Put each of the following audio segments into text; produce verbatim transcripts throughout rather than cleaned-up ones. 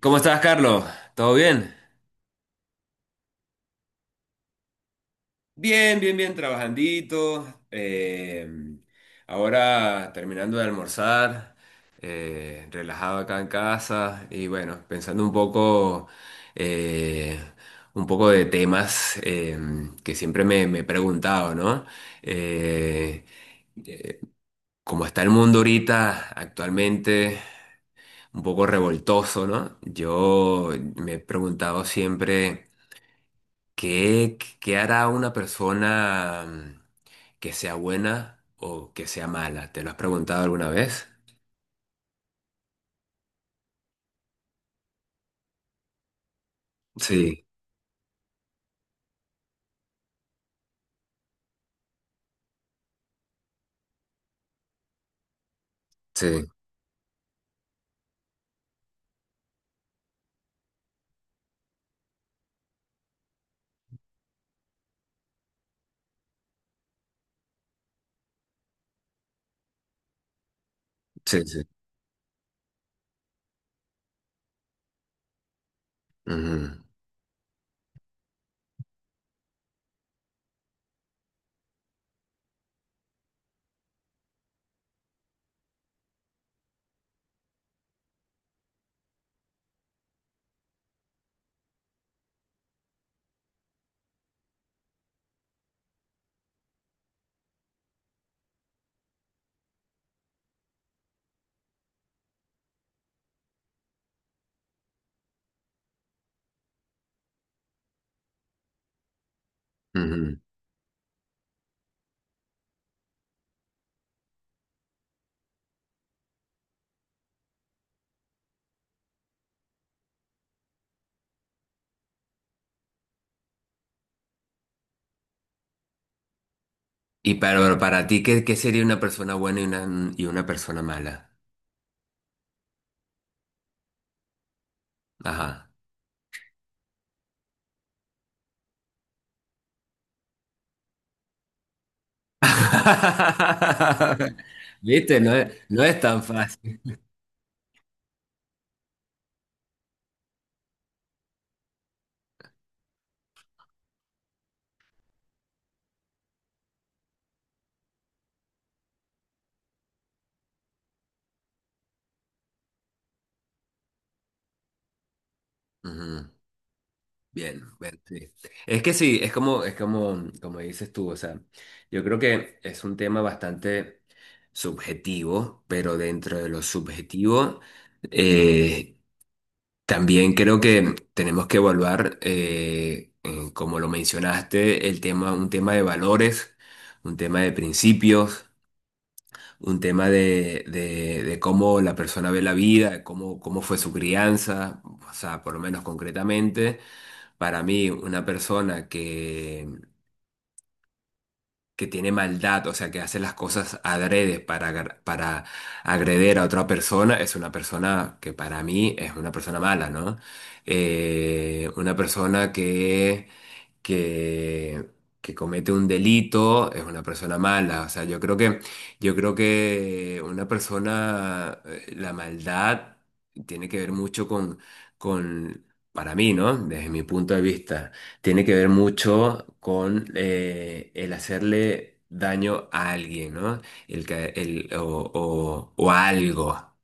¿Cómo estás, Carlos? ¿Todo bien? Bien, bien, bien, trabajandito. eh, Ahora terminando de almorzar, eh, relajado acá en casa y bueno, pensando un poco, eh, un poco de temas eh, que siempre me, me he preguntado, ¿no? Eh, eh, ¿cómo está el mundo ahorita actualmente, un poco revoltoso, ¿no? Yo me he preguntado siempre. ¿Qué, qué hará una persona mm, que sea buena o que sea mala? ¿Te lo has preguntado alguna vez? Sí, sí, sí, sí. Ujú, ujú. Y para, para ti, ¿qué, qué sería una persona buena y una, mm, y una persona mala? Ajá. ¿Viste? No es, no es tan fácil. Ujú. Bien, bien, sí. Es que sí, es como, es como, como dices tú, o sea, yo creo que es un tema bastante subjetivo, pero dentro de lo subjetivo, eh, también creo que tenemos que evaluar, eh, eh, como lo mencionaste, el tema, un tema de valores, un tema de principios, un tema de, de, de cómo la persona ve la vida, cómo, cómo fue su crianza, o sea, por lo menos concretamente. Para mí, una persona que, que tiene maldad, o sea, que hace las cosas adrede para, agar- para agreder a otra persona, es una persona que para mí es una persona mala, ¿no? Eh, una persona que que, que comete un delito es una persona mala. O sea, yo creo que, yo creo que una persona, eh, la maldad tiene que ver mucho con, con, para mí, ¿no? Desde mi punto de vista, tiene que ver mucho con eh, el hacerle daño a alguien, ¿no? El, que- el, o, o, o algo.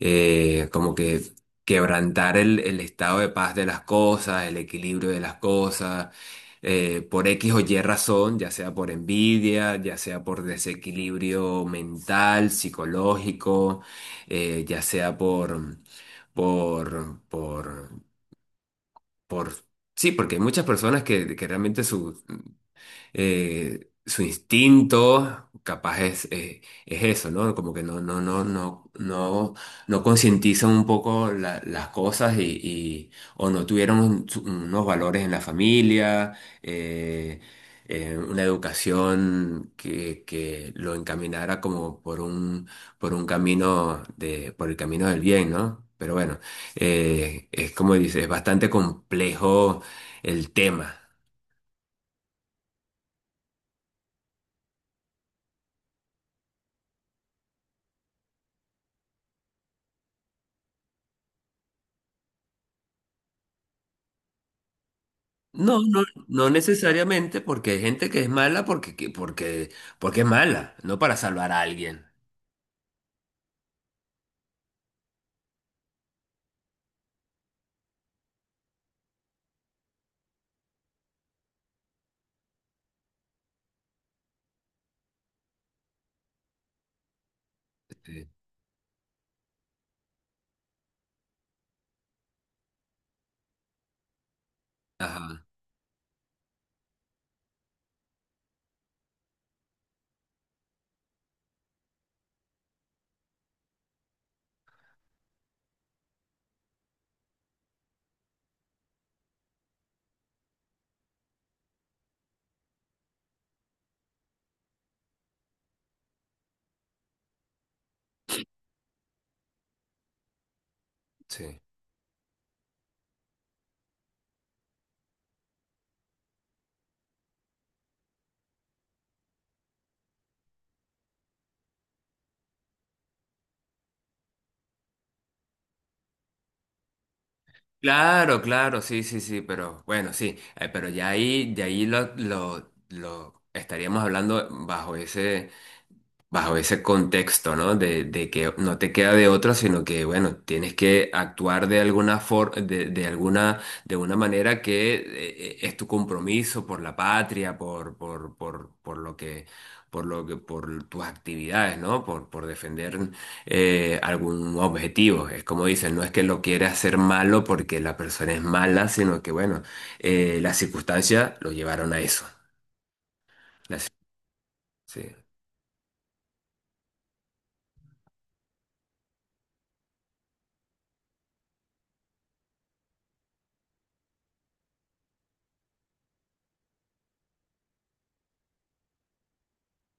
Eh, como que quebrantar el, el estado de paz de las cosas, el equilibrio de las cosas eh, por X o Y razón, ya sea por envidia, ya sea por desequilibrio mental, psicológico, eh, ya sea por, por, por, por, sí, porque hay muchas personas que, que realmente su, eh, su instinto, capaz es, eh, es eso, ¿no? Como que no, no, no, no, no, no concientizan un poco la- las cosas y, y- o no tuvieron un- su- unos valores en la familia, eh, eh, una educación que, que lo encaminara como por un, por un camino de, por el camino del bien, ¿no? Pero bueno, eh, es como dices, es bastante complejo el tema. No, no, no necesariamente porque hay gente que es mala porque, que- porque, porque es mala, no para salvar a alguien. Sí. Ajá, sí. Claro, claro, sí, sí, sí, pero bueno, sí, eh, pero ya ahí, de ahí lo, lo, lo estaríamos hablando bajo ese, bajo ese contexto, ¿no? De, de que no te queda de otra, sino que, bueno, tienes que actuar de alguna forma, de, de alguna, de una manera que eh, eh, es tu compromiso por la patria, por, por, por, por lo que, por lo que, por tus actividades, ¿no? Por, por defender eh, algún objetivo. Es como dicen, no es que lo quieras hacer malo porque la persona es mala, sino que, bueno, eh, las circunstancias lo llevaron a eso. Las- sí,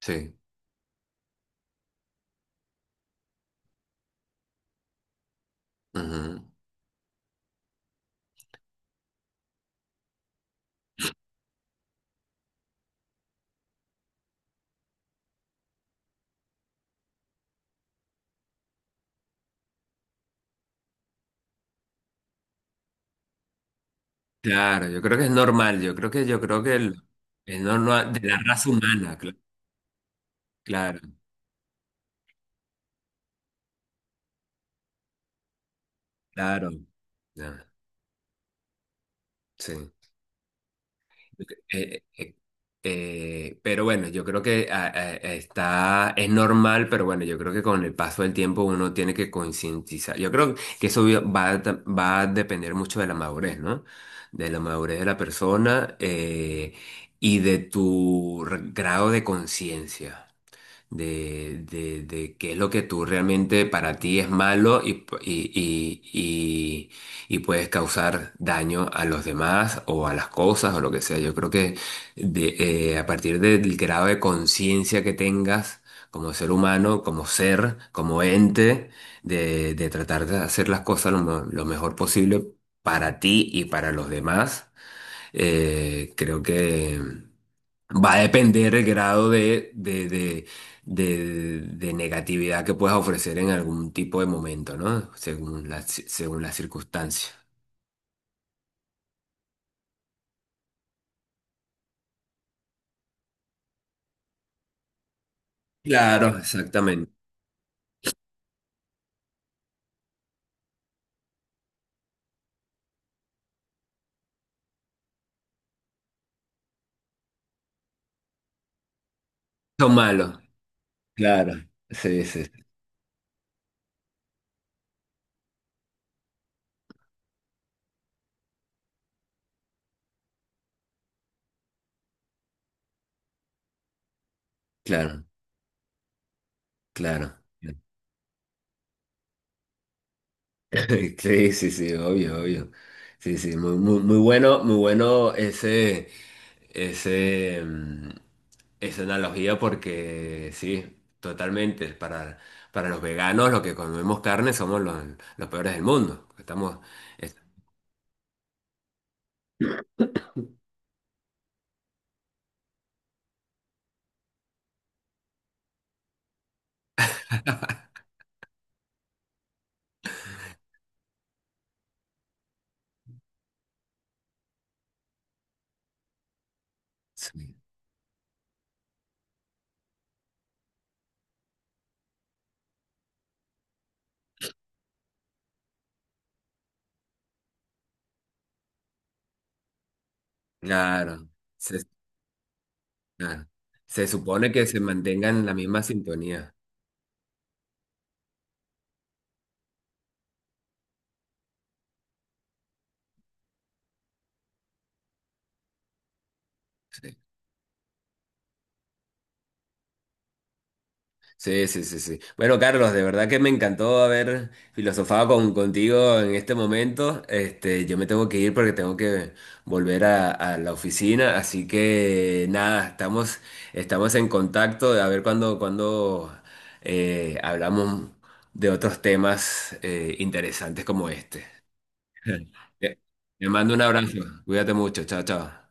sí. Ujú. Claro, yo creo que es normal, yo creo que, yo creo que el- es normal de la raza humana, cl- claro, claro, ya, sí. Eh, eh, eh, pero bueno, yo creo que ah, ah, está, es normal, pero bueno, yo creo que con el paso del tiempo uno tiene que concientizar. Yo creo que eso va a, ta- va a depender mucho de la madurez, ¿no? De la madurez de la persona eh, y de tu re- grado de conciencia. De, de, de qué es lo que tú realmente para ti es malo y, p- y, y, y, y puedes causar daño a los demás o a las cosas o lo que sea. Yo creo que de, eh, a partir del grado de conciencia que tengas como ser humano, como ser, como ente, de, de tratar de hacer las cosas lo, me- lo mejor posible para ti y para los demás, eh, creo que... Va a depender el grado de, de, de, de- de negatividad que puedas ofrecer en algún tipo de momento, ¿no? Según la, ci- según las circunstancias. Claro, exactamente. Son malos. Claro. Sí, sí. Claro, claro. Sí, sí, sí, obvio, obvio. Sí, sí, muy, muy, muy bueno, muy bueno ese, ese, mm, esa analogía porque sí, totalmente. Para, para los veganos, los que comemos carne somos los, los peores del mundo. Estamos, es- sí, claro, se, claro. Se supone que se mantengan en la misma sintonía. Sí. Sí, sí, sí, sí. Bueno, Carlos, de verdad que me encantó haber filosofado con, contigo en este momento. Este, yo me tengo que ir porque tengo que volver a, a la oficina. Así que nada, estamos, estamos en contacto de a ver cuándo, cuándo eh, hablamos de otros temas eh, interesantes como este. Te te mando un abrazo. Cuídate mucho. Chao, chao.